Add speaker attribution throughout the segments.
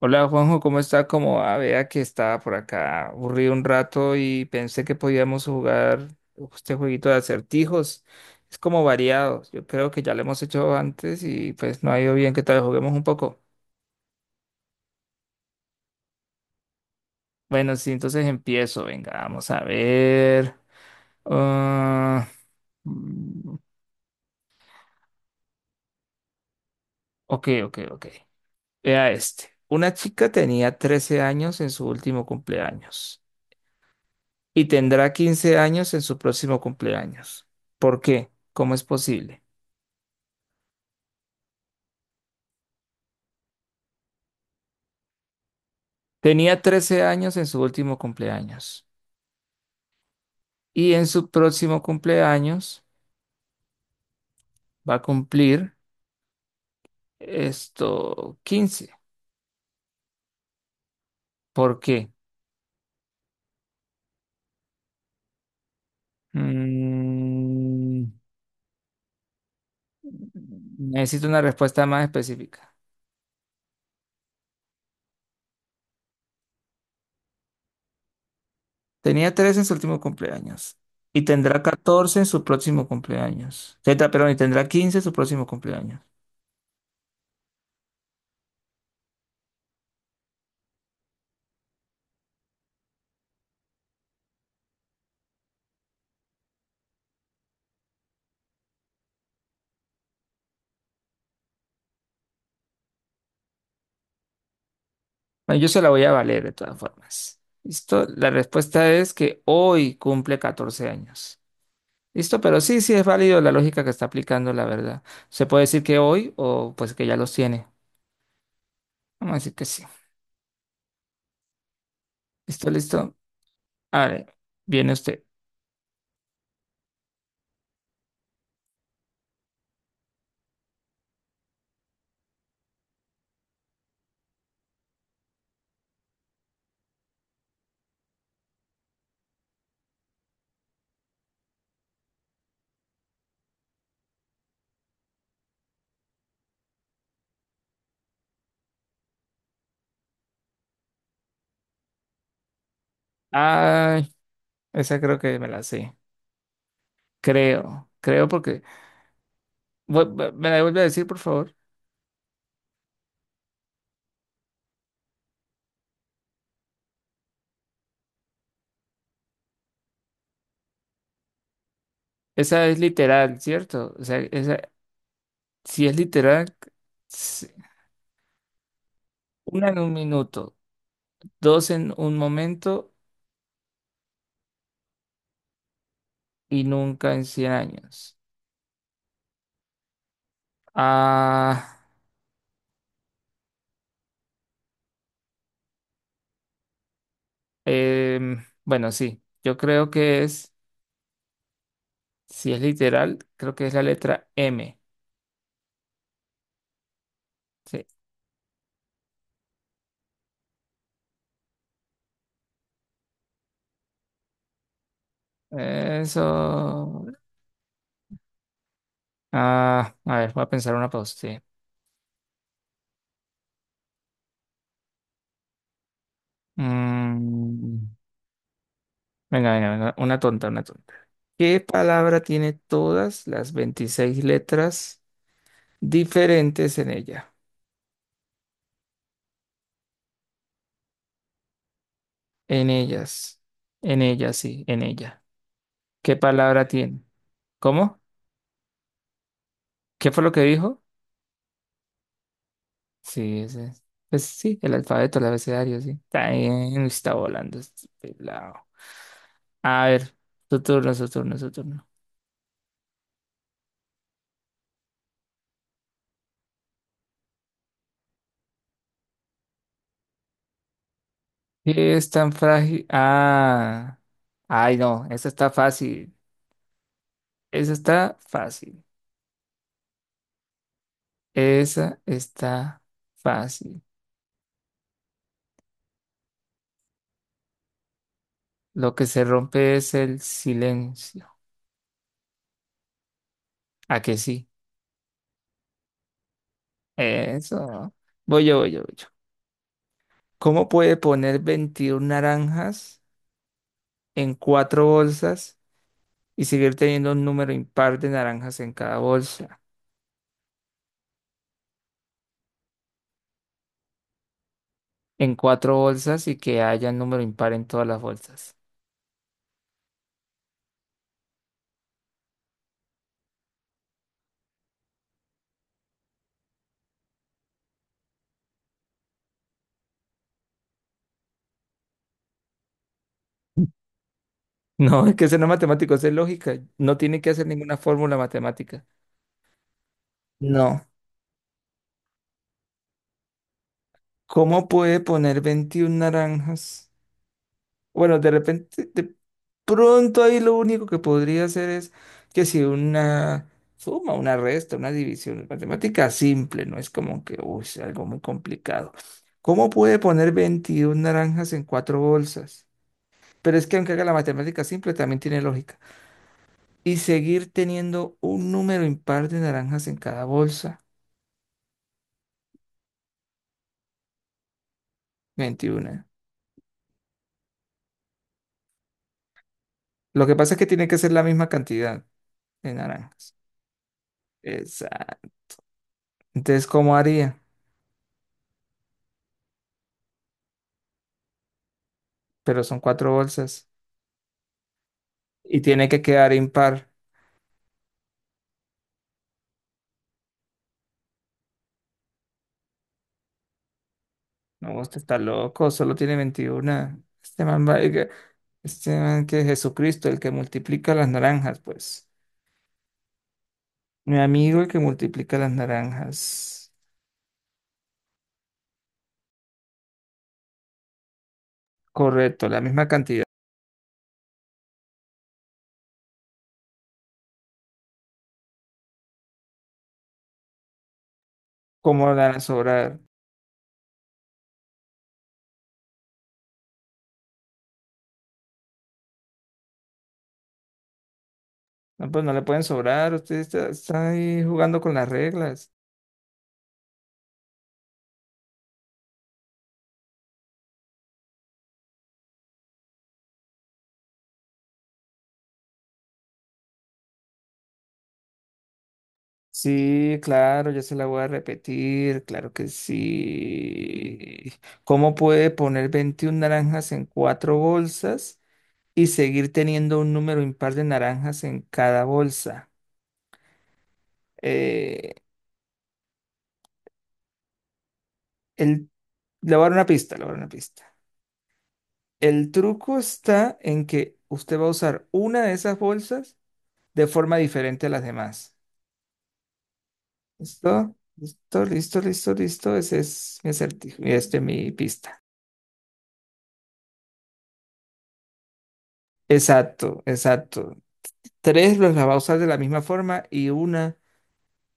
Speaker 1: Hola Juanjo, ¿cómo está? Como vea que estaba por acá aburrido un rato y pensé que podíamos jugar este jueguito de acertijos. Es como variado. Yo creo que ya lo hemos hecho antes y pues no ha ido bien. Que tal vez juguemos un poco? Bueno, sí, entonces empiezo. Venga, vamos a ver. Ah, mm, ok, ok, ok. Vea este. Una chica tenía 13 años en su último cumpleaños y tendrá 15 años en su próximo cumpleaños. ¿Por qué? ¿Cómo es posible? Tenía 13 años en su último cumpleaños y en su próximo cumpleaños va a cumplir esto 15. ¿Por qué? Mm, Necesito una respuesta más específica. Tenía trece en su último cumpleaños y tendrá 14 en su próximo cumpleaños. Perdón, y tendrá 15 en su próximo cumpleaños. Bueno, yo se la voy a valer de todas formas. ¿Listo? La respuesta es que hoy cumple 14 años. ¿Listo? Pero sí, sí es válido la lógica que está aplicando, la verdad. Se puede decir que hoy o pues que ya los tiene. Vamos a decir que sí. ¿Listo? ¿Listo? A ver, viene usted. Ay, esa creo que me la sé. Creo porque... ¿Me la vuelve a decir, por favor? Esa es literal, ¿cierto? O sea, esa, si es literal, s- una en un minuto, dos en un momento y nunca en 100 años. Ah, bueno, sí, yo creo que es, si es literal, creo que es la letra M. Sí, eso. Ah, a ver, voy a pensar una pausa. Sí. Mm, Venga, venga, venga, una tonta, una tonta. ¿Qué palabra tiene todas las 26 letras diferentes en ella? En ellas, en ella, sí, en ella. ¿Qué palabra tiene? ¿Cómo? ¿Qué fue lo que dijo? Sí, ese es. Pues sí, el alfabeto, el abecedario, sí. También está volando este pelado. A ver, su turno, su turno, su turno. ¿Qué es tan frágil? Ah. Ay, no, esa está fácil. Esa está fácil. Esa está fácil. Lo que se rompe es el silencio. ¿A que sí? Eso. Voy yo, voy yo, voy yo. ¿Cómo puede poner 21 naranjas en cuatro bolsas y seguir teniendo un número impar de naranjas en cada bolsa, en cuatro bolsas, y que haya un número impar en todas las bolsas? No, es que eso no es matemático, eso es lógica. No tiene que hacer ninguna fórmula matemática. No. ¿Cómo puede poner 21 naranjas? Bueno, de repente, de pronto ahí lo único que podría hacer es que si una suma, una resta, una división, es matemática simple, no es como que, uy, es algo muy complicado. ¿Cómo puede poner 21 naranjas en cuatro bolsas? Pero es que aunque haga la matemática simple, también tiene lógica. Y seguir teniendo un número impar de naranjas en cada bolsa, 21. Lo que pasa es que tiene que ser la misma cantidad de naranjas. Exacto. Entonces, ¿cómo haría? Pero son cuatro bolsas y tiene que quedar impar. No, usted está loco, solo tiene 21. Este man va, este man que es Jesucristo, el que multiplica las naranjas, pues. Mi amigo, el que multiplica las naranjas. Correcto, la misma cantidad. ¿Cómo le van a sobrar? No, pues no le pueden sobrar, usted está ahí jugando con las reglas. Sí, claro, ya se la voy a repetir, claro que sí. ¿Cómo puede poner 21 naranjas en cuatro bolsas y seguir teniendo un número impar de naranjas en cada bolsa? Eh, el, Le voy a dar una pista, le voy a dar una pista. El truco está en que usted va a usar una de esas bolsas de forma diferente a las demás. ¿Listo? Listo, listo, listo, listo. Ese es mi acertijo, y este es mi pista. Exacto, exacto. Tres los las va a usar de la misma forma y una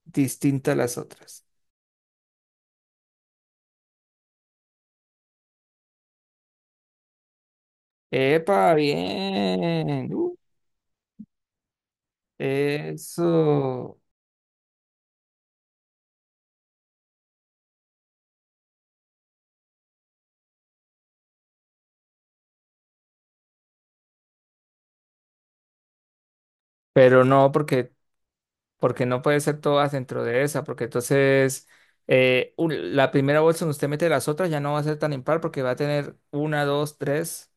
Speaker 1: distinta a las otras. ¡Epa! Bien. Eso. Pero no, porque, porque no puede ser todas dentro de esa, porque entonces la primera bolsa donde usted mete las otras ya no va a ser tan impar porque va a tener una, dos, tres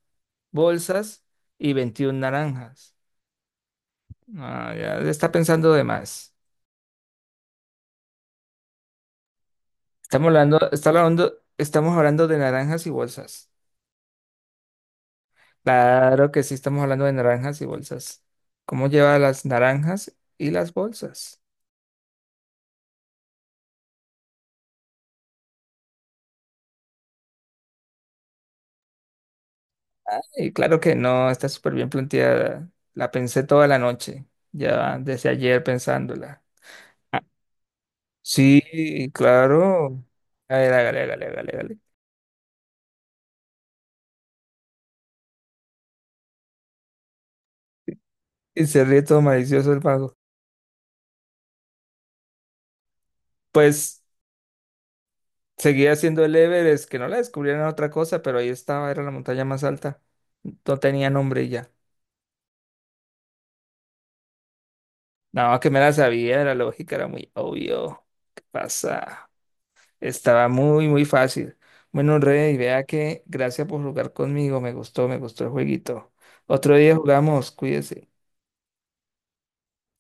Speaker 1: bolsas y 21 naranjas. Ah, ya le está pensando de más. Estamos hablando de naranjas y bolsas. Claro que sí, estamos hablando de naranjas y bolsas. ¿Cómo lleva las naranjas y las bolsas? Y claro que no, está súper bien planteada. La pensé toda la noche, ya desde ayer pensándola. Ah, sí, claro. A ver, hágale, hágale, hágale, hágale. Y se ríe todo malicioso el mago. Pues seguía haciendo el Everest, que no la descubrieron otra cosa, pero ahí estaba, era la montaña más alta. No tenía nombre y ya. No, que me la sabía, era lógica, era muy obvio. ¿Qué pasa? Estaba muy, muy fácil. Bueno, Rey, vea que gracias por jugar conmigo. Me gustó el jueguito. Otro día jugamos, cuídese.